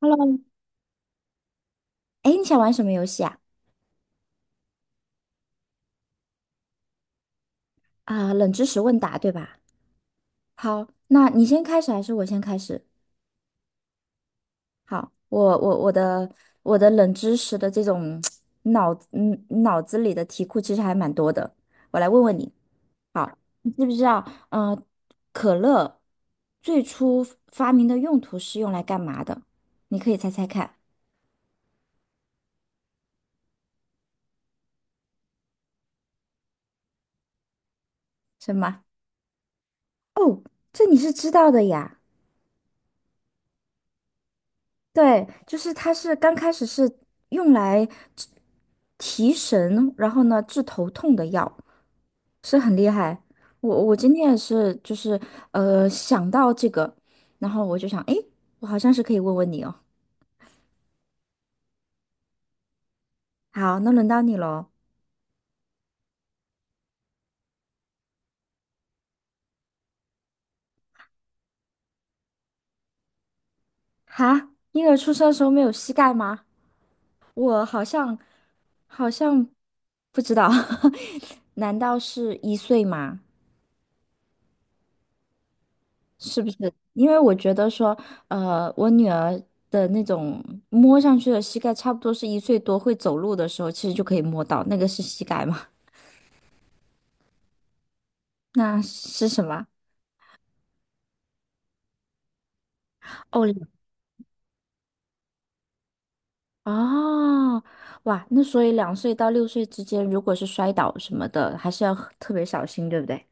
Hello，哎，你想玩什么游戏啊？啊、冷知识问答，对吧？好，那你先开始还是我先开始？好，我的冷知识的这种 脑子里的题库其实还蛮多的，我来问问你。好，你知不知道？可乐最初发明的用途是用来干嘛的？你可以猜猜看，什么？哦，这你是知道的呀。对，就是它是刚开始是用来治提神，然后呢治头痛的药，是很厉害。我今天也是，就是想到这个，然后我就想，诶，我好像是可以问问你哦。好，那轮到你喽。哈，婴儿出生的时候没有膝盖吗？我好像不知道，难道是1岁吗？是不是？因为我觉得说，我女儿的那种摸上去的膝盖，差不多是一岁多会走路的时候，其实就可以摸到，那个是膝盖吗？那是什么？哦，哦，哇，那所以2岁到6岁之间，如果是摔倒什么的，还是要很特别小心，对不对？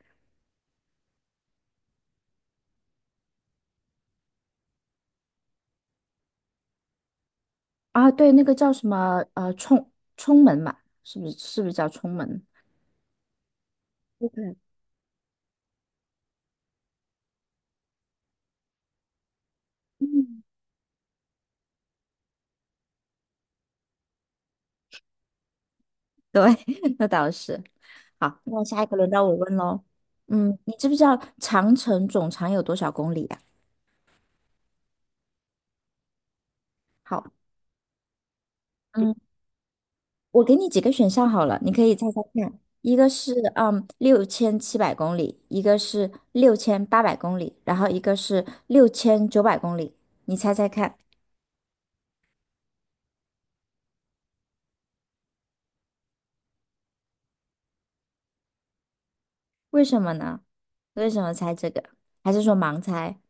啊，对，那个叫什么？冲门嘛，是不是？是不是叫冲门？OK，嗯，对，那倒是。好，那下一个轮到我问喽。嗯，你知不知道长城总长有多少公里啊？好，嗯，我给你几个选项好了，你可以猜猜看。一个是六千七百公里，一个是6800公里，然后一个是6900公里。你猜猜看，为什么呢？为什么猜这个？还是说盲猜？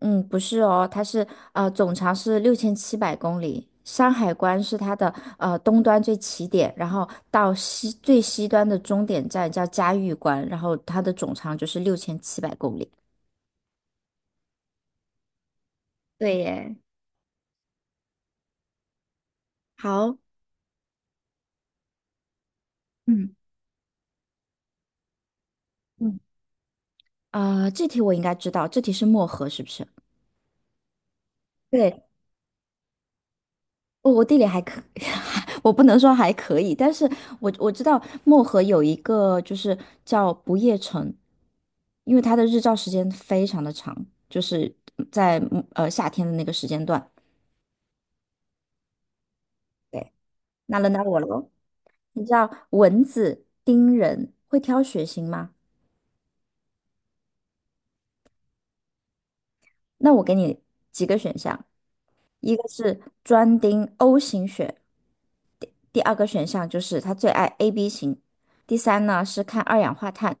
嗯，不是哦，它是总长是六千七百公里，山海关是它的东端最起点，然后到最西端的终点站叫嘉峪关，然后它的总长就是六千七百公里。对耶，好，嗯嗯，啊、这题我应该知道，这题是漠河是不是？对，我地理我不能说还可以，但是我知道漠河有一个就是叫不夜城，因为它的日照时间非常的长，就是在夏天的那个时间段。对，那轮到我喽。你知道蚊子叮人会挑血型吗？那我给你几个选项一个是专盯 O 型血，第二个选项就是他最爱 AB 型，第三呢是看二氧化碳，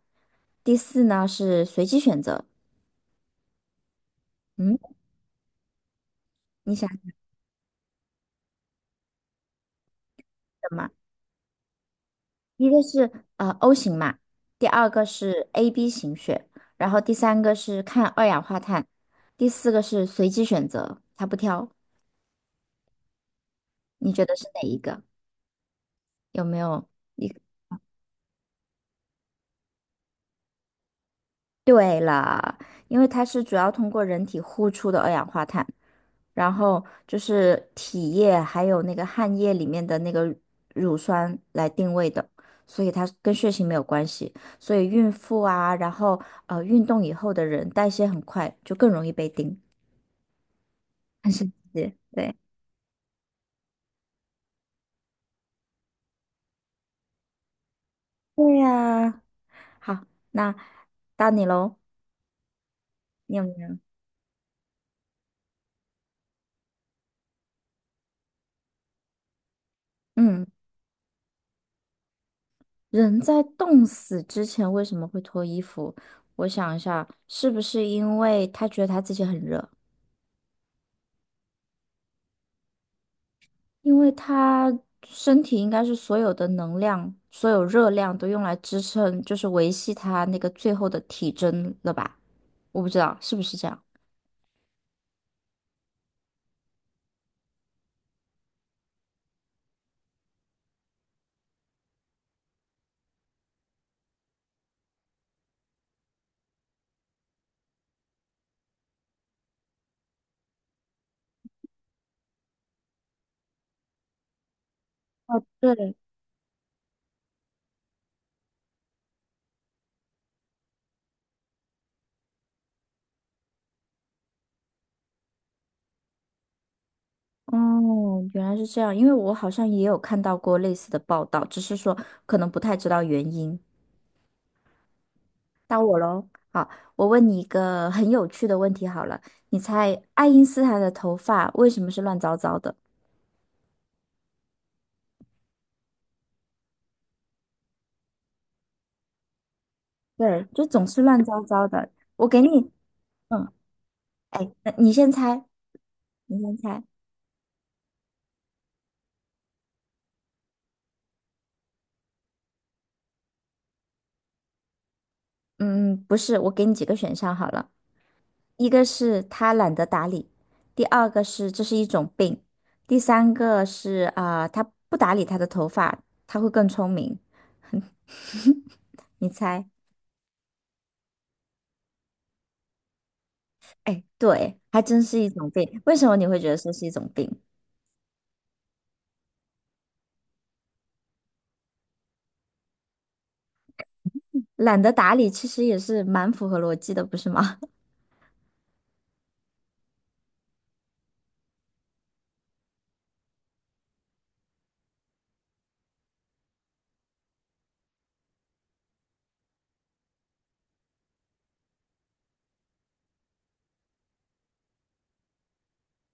第四呢是随机选择。嗯，你想什么？一个是O 型嘛，第二个是 AB 型血，然后第三个是看二氧化碳，第四个是随机选择，他不挑，你觉得是哪一个？有没有？一对了，因为它是主要通过人体呼出的二氧化碳，然后就是体液还有那个汗液里面的那个乳酸来定位的，所以它跟血型没有关系。所以孕妇啊，然后运动以后的人代谢很快，就更容易被叮，很神奇。对，对呀。好，那到你喽，你有没有？嗯。人在冻死之前为什么会脱衣服？我想一下，是不是因为他觉得他自己很热？因为他身体应该是所有的能量、所有热量都用来支撑，就是维系他那个最后的体征了吧？我不知道是不是这样。哦，对，哦，原来是这样，因为我好像也有看到过类似的报道，只是说可能不太知道原因。到我喽。好，我问你一个很有趣的问题好了，你猜爱因斯坦的头发为什么是乱糟糟的？对，就总是乱糟糟的。我给你，嗯，哎，那你先猜，你先猜。嗯，不是，我给你几个选项好了，一个是他懒得打理，第二个是这是一种病，第三个是啊、他不打理他的头发，他会更聪明。你猜？哎，对，还真是一种病。为什么你会觉得这是一种病？懒得打理其实也是蛮符合逻辑的，不是吗？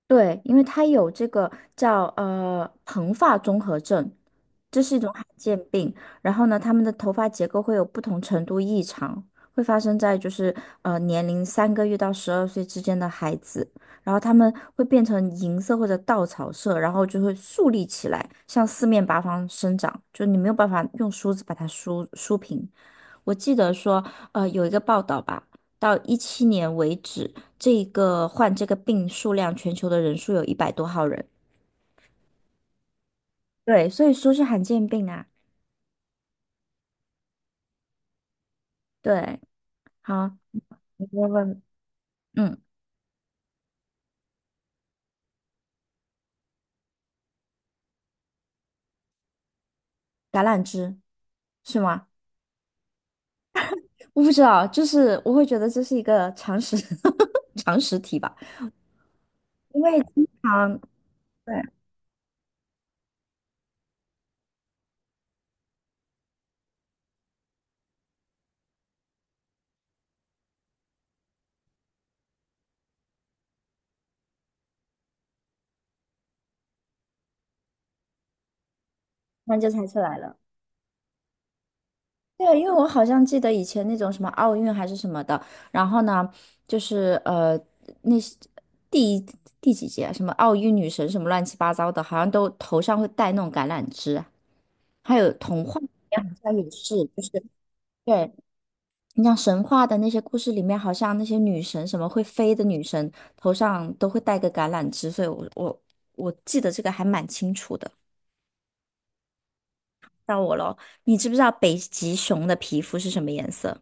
对，因为它有这个叫蓬发综合症，这是一种罕见病。然后呢，他们的头发结构会有不同程度异常，会发生在就是年龄3个月到12岁之间的孩子。然后他们会变成银色或者稻草色，然后就会竖立起来，向四面八方生长，就你没有办法用梳子把它梳梳平。我记得说，有一个报道吧，到17年为止，这个患这个病数量，全球的人数有100多号人。对，所以说是罕见病啊。对，好，你问问，嗯，橄榄枝是吗？我不知道，就是我会觉得这是一个常识 常识题吧，因为经常对，那就猜出来了。对啊，因为我好像记得以前那种什么奥运还是什么的，然后呢，就是那是第一第几届啊什么奥运女神什么乱七八糟的，好像都头上会戴那种橄榄枝啊，还有童话好像也是，就是对，你像神话的那些故事里面，好像那些女神什么会飞的女神头上都会戴个橄榄枝，所以我记得这个还蛮清楚的。到我咯，你知不知道北极熊的皮肤是什么颜色？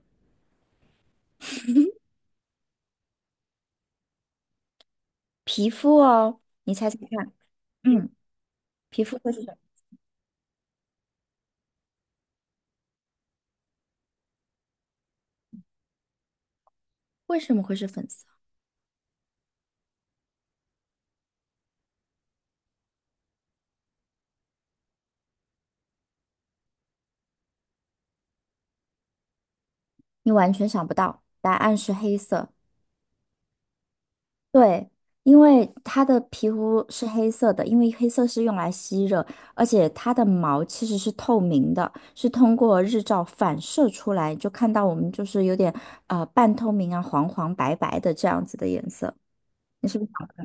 皮肤哦，你猜猜看。嗯，皮肤会是为什么会是粉色？你完全想不到，答案是黑色。对，因为它的皮肤是黑色的，因为黑色是用来吸热，而且它的毛其实是透明的，是通过日照反射出来，就看到我们就是有点半透明啊，黄黄白白的这样子的颜色。你是不是想不到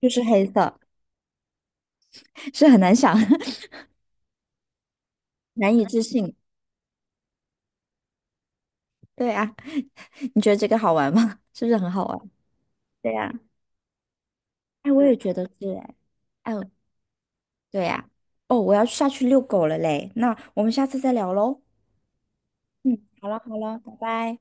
就是黑色，是很难想，难以置信。对啊，你觉得这个好玩吗？是不是很好玩？对呀，哎，我也觉得是哎。哎，对呀、哦，我要下去遛狗了嘞，那我们下次再聊喽。嗯，好了好了，拜拜。